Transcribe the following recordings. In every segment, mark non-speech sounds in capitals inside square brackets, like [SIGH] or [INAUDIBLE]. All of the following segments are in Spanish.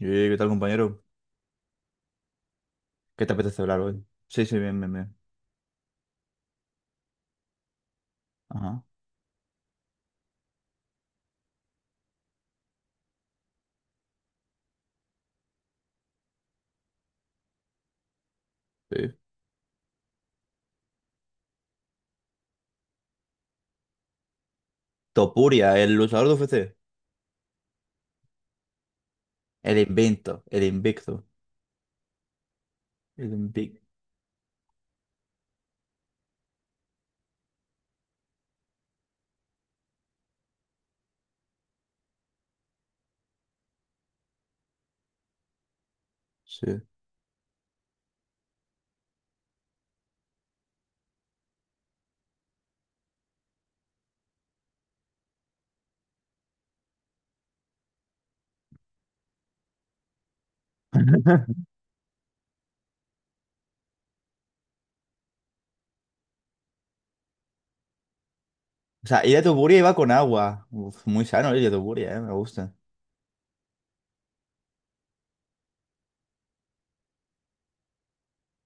¿Qué tal, compañero? ¿Qué te apetece hablar hoy? Sí, sí, bien, bien, bien. Ajá. Sí. Topuria, el luchador de UFC. El invento, el invicto. El invicto. Sí. [LAUGHS] O sea, Ilia Topuria iba con agua. Uf, muy sano, Ilia Topuria, me gusta.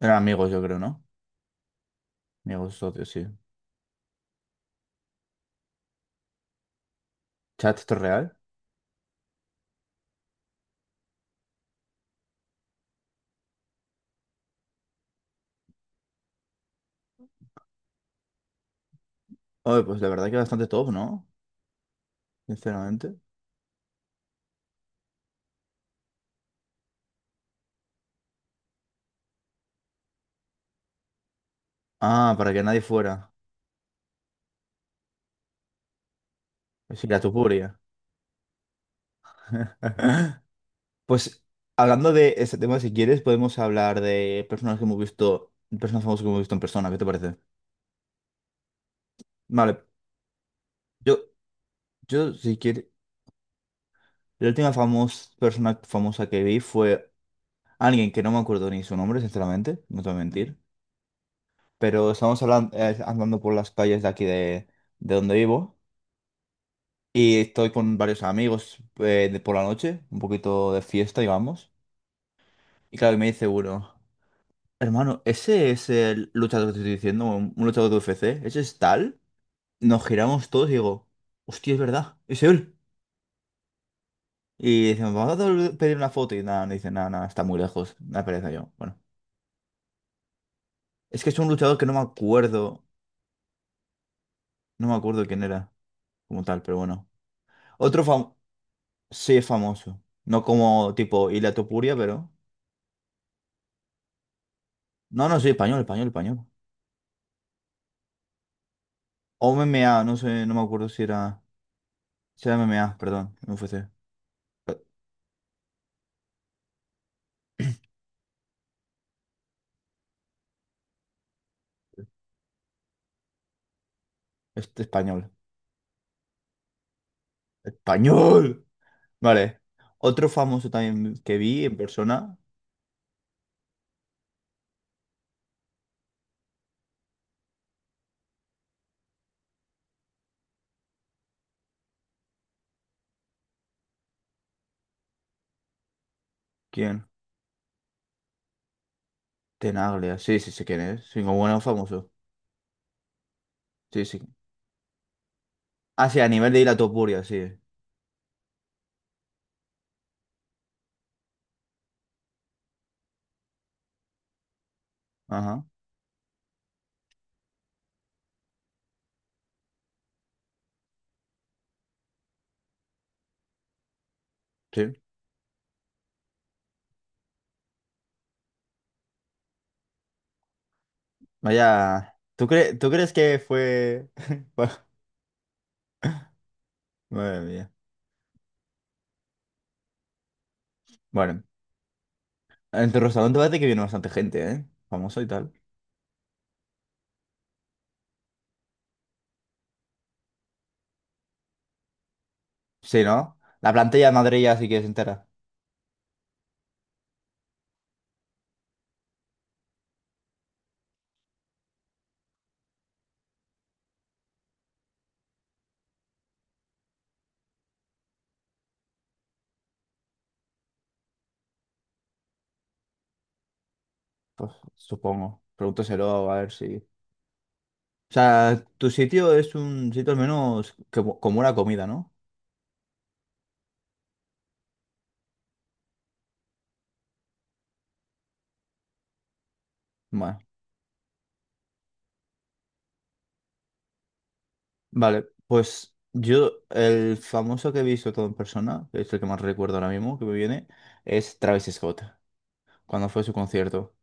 Eran amigos, yo creo, ¿no? Amigos, socios, sí. Chat, ¿esto es real? Oye, pues la verdad que bastante top, ¿no? Sinceramente. Ah, para que nadie fuera. Es Ilia Topuria. [LAUGHS] Pues hablando de este tema, si quieres, podemos hablar de personas que hemos visto, personas famosas que hemos visto en persona, ¿qué te parece? Vale, yo, yo si quieres, persona famosa que vi fue alguien que no me acuerdo ni su nombre, sinceramente, no te voy a mentir, pero estamos hablando, andando por las calles de aquí de donde vivo, y estoy con varios amigos, de por la noche, un poquito de fiesta, digamos, y claro, y me dice uno, hermano, ¿ese es el luchador que te estoy diciendo, un luchador de UFC? ¿Ese es tal? Nos giramos todos y digo, hostia, es verdad, es él. Y decimos, vamos a pedir una foto. Y nada, me dicen, nada, nada, está muy lejos. Me pereza yo. Bueno, es que es un luchador que no me acuerdo, no me acuerdo quién era como tal, pero bueno. Otro famoso, sí es famoso. No como tipo Ilia Topuria, pero. No, no, sí, español, español, español. O MMA, no sé, no me acuerdo si era. Si era MMA, perdón, no UFC. Este español. ¡Español! Vale. Otro famoso también que vi en persona. ¿Quién? Tenaglia, sí, sí sé quién es. Sí, como bueno, famoso. Sí, sí. Ah, sí, a nivel de ir a Topuria, sí. Ajá, sí. Vaya. ¿Tú crees que fue. [LAUGHS] Bueno, madre mía. Bueno, en tu restaurante parece que viene bastante gente, ¿eh? Famoso y tal. Sí, ¿no? La plantilla de Madrid ya sí que es entera. Pues supongo. Pregúntaselo, a ver. Si. O sea, tu sitio es un sitio al menos que, como la comida, ¿no? Bueno. Vale, pues yo el famoso que he visto todo en persona, que es el que más recuerdo ahora mismo que me viene, es Travis Scott, cuando fue a su concierto.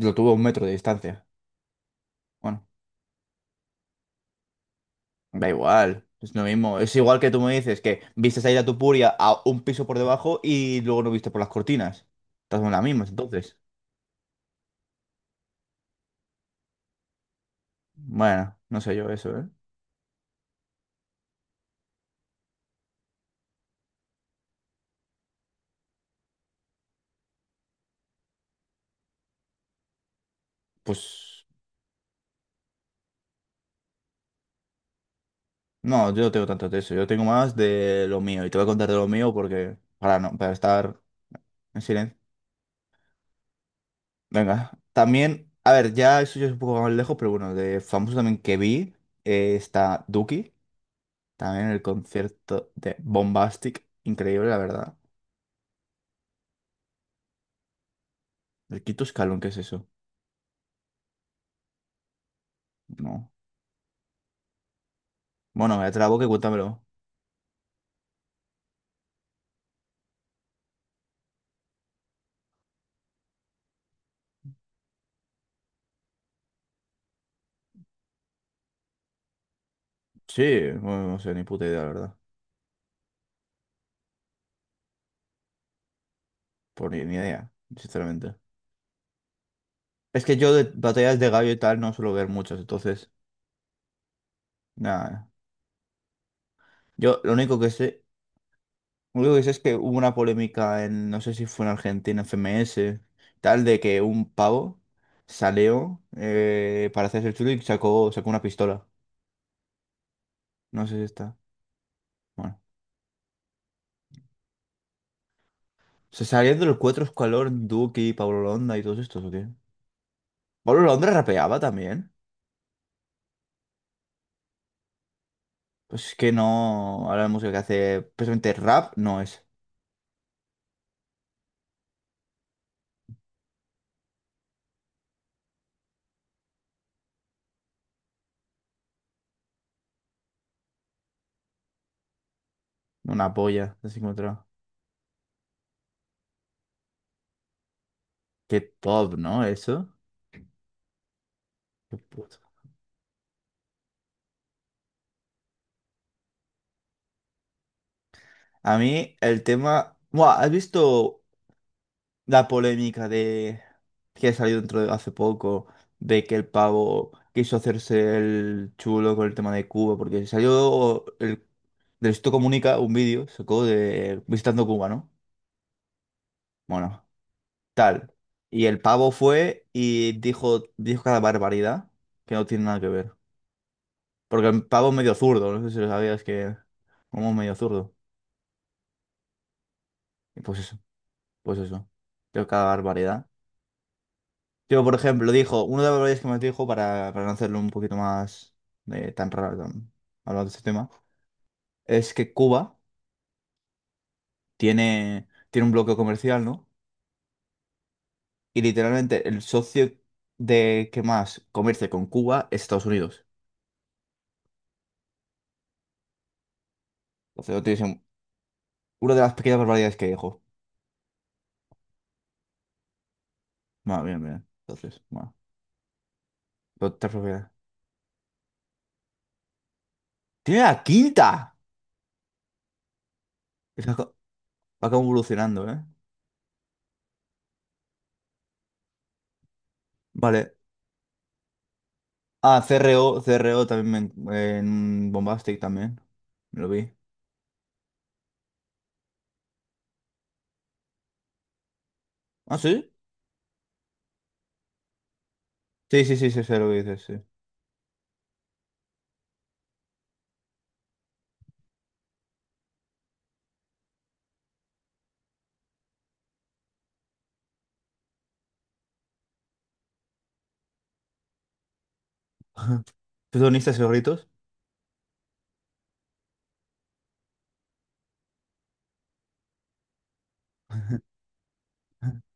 Lo tuvo a 1 metro de distancia. Bueno, da igual, es lo mismo. Es igual que tú me dices que viste salir a tu puria a un piso por debajo y luego no viste por las cortinas. Estás en las mismas, entonces. Bueno, no sé yo eso, ¿eh? Pues no, yo no tengo tanto de eso. Yo tengo más de lo mío y te voy a contar de lo mío porque para no, para estar en silencio. Venga, también, a ver, ya eso ya es un poco más lejos, pero bueno, de famoso también que vi, está Duki, también el concierto de Bombastic, increíble, la verdad. El Quito Escalón, ¿qué es eso? No. Bueno, me trabo, que cuéntamelo. Sí, bueno, no sé, ni puta idea, la verdad. Por ni idea, sinceramente. Es que yo de batallas de gallo y tal no suelo ver muchas, entonces, nada. Yo lo único que sé. Lo único que sé es que hubo una polémica en, no sé si fue en Argentina, FMS, tal, de que un pavo salió, para hacerse el chulo y sacó una pistola. No sé si está. Bueno. ¿Se salían de los cuatro escalón, Duki, Pablo Londra y todos estos o qué? ¿Pablo Londra rapeaba también? Pues es que no. Ahora la música que hace, precisamente rap, no es. Una polla, así como otra. Qué pop, ¿no? Eso. Qué puto. A mí, el tema. Buah, ¿has visto la polémica de que salió dentro de hace poco, de que el pavo quiso hacerse el chulo con el tema de Cuba, porque salió el del Instituto Comunica un vídeo, sacó de visitando Cuba, ¿no? Bueno, tal. Y el pavo fue y dijo cada barbaridad que no tiene nada que ver. Porque el pavo es medio zurdo, no sé si lo sabías, que como medio zurdo. Y pues eso, pues eso. Dijo cada barbaridad. Yo, por ejemplo, dijo, uno de los valores que me dijo para, no hacerlo un poquito más, tan raro, hablando de este tema, es que Cuba tiene un bloqueo comercial, ¿no? Y literalmente el socio de que más comercia con Cuba es Estados Unidos. Entonces, no tiene, una de las pequeñas barbaridades que dijo. Bueno, bien, bien. Entonces, bueno, otra propiedad. ¡Tiene la quinta! Es que aca- Va como evolucionando, ¿eh? Vale. Ah, CRO CRO también me, en Bombastic también. Me lo vi. ¿Ah, sí? Sí, sí, sí, sí, sé lo que dices, sí. [LAUGHS] ¿Protagonistas gorritos?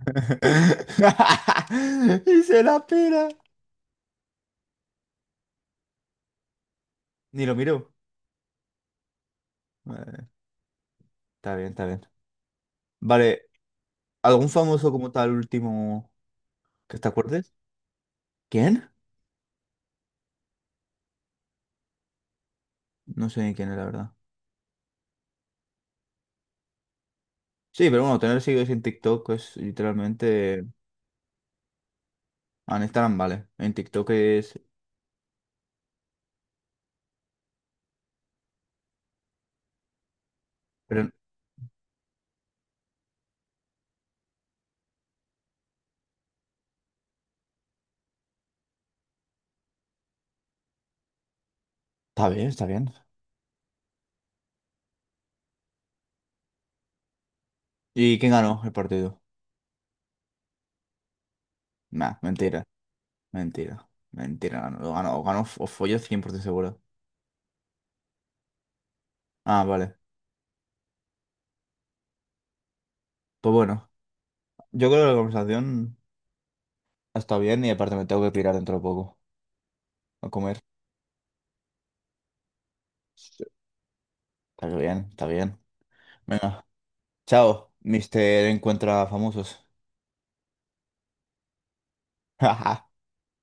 [LAUGHS] Hice la pera. Ni lo miró. Vale, está bien, está bien. Vale, ¿algún famoso como tal último que te acuerdes? ¿Quién? No sé ni quién es, la verdad. Sí, pero bueno, tener seguidores en TikTok es literalmente... Ah, en Instagram, vale. En TikTok es... Pero... Está bien, está bien. ¿Y quién ganó el partido? Nah, mentira, mentira, mentira. Ganó, ganó, ganó Follo 100% seguro. Ah, vale. Pues bueno. Yo creo que la conversación está bien y aparte me tengo que pirar dentro de poco a comer. Sí. Está bien, está bien. Venga, chao, Mister Encuentra Famosos. [LAUGHS]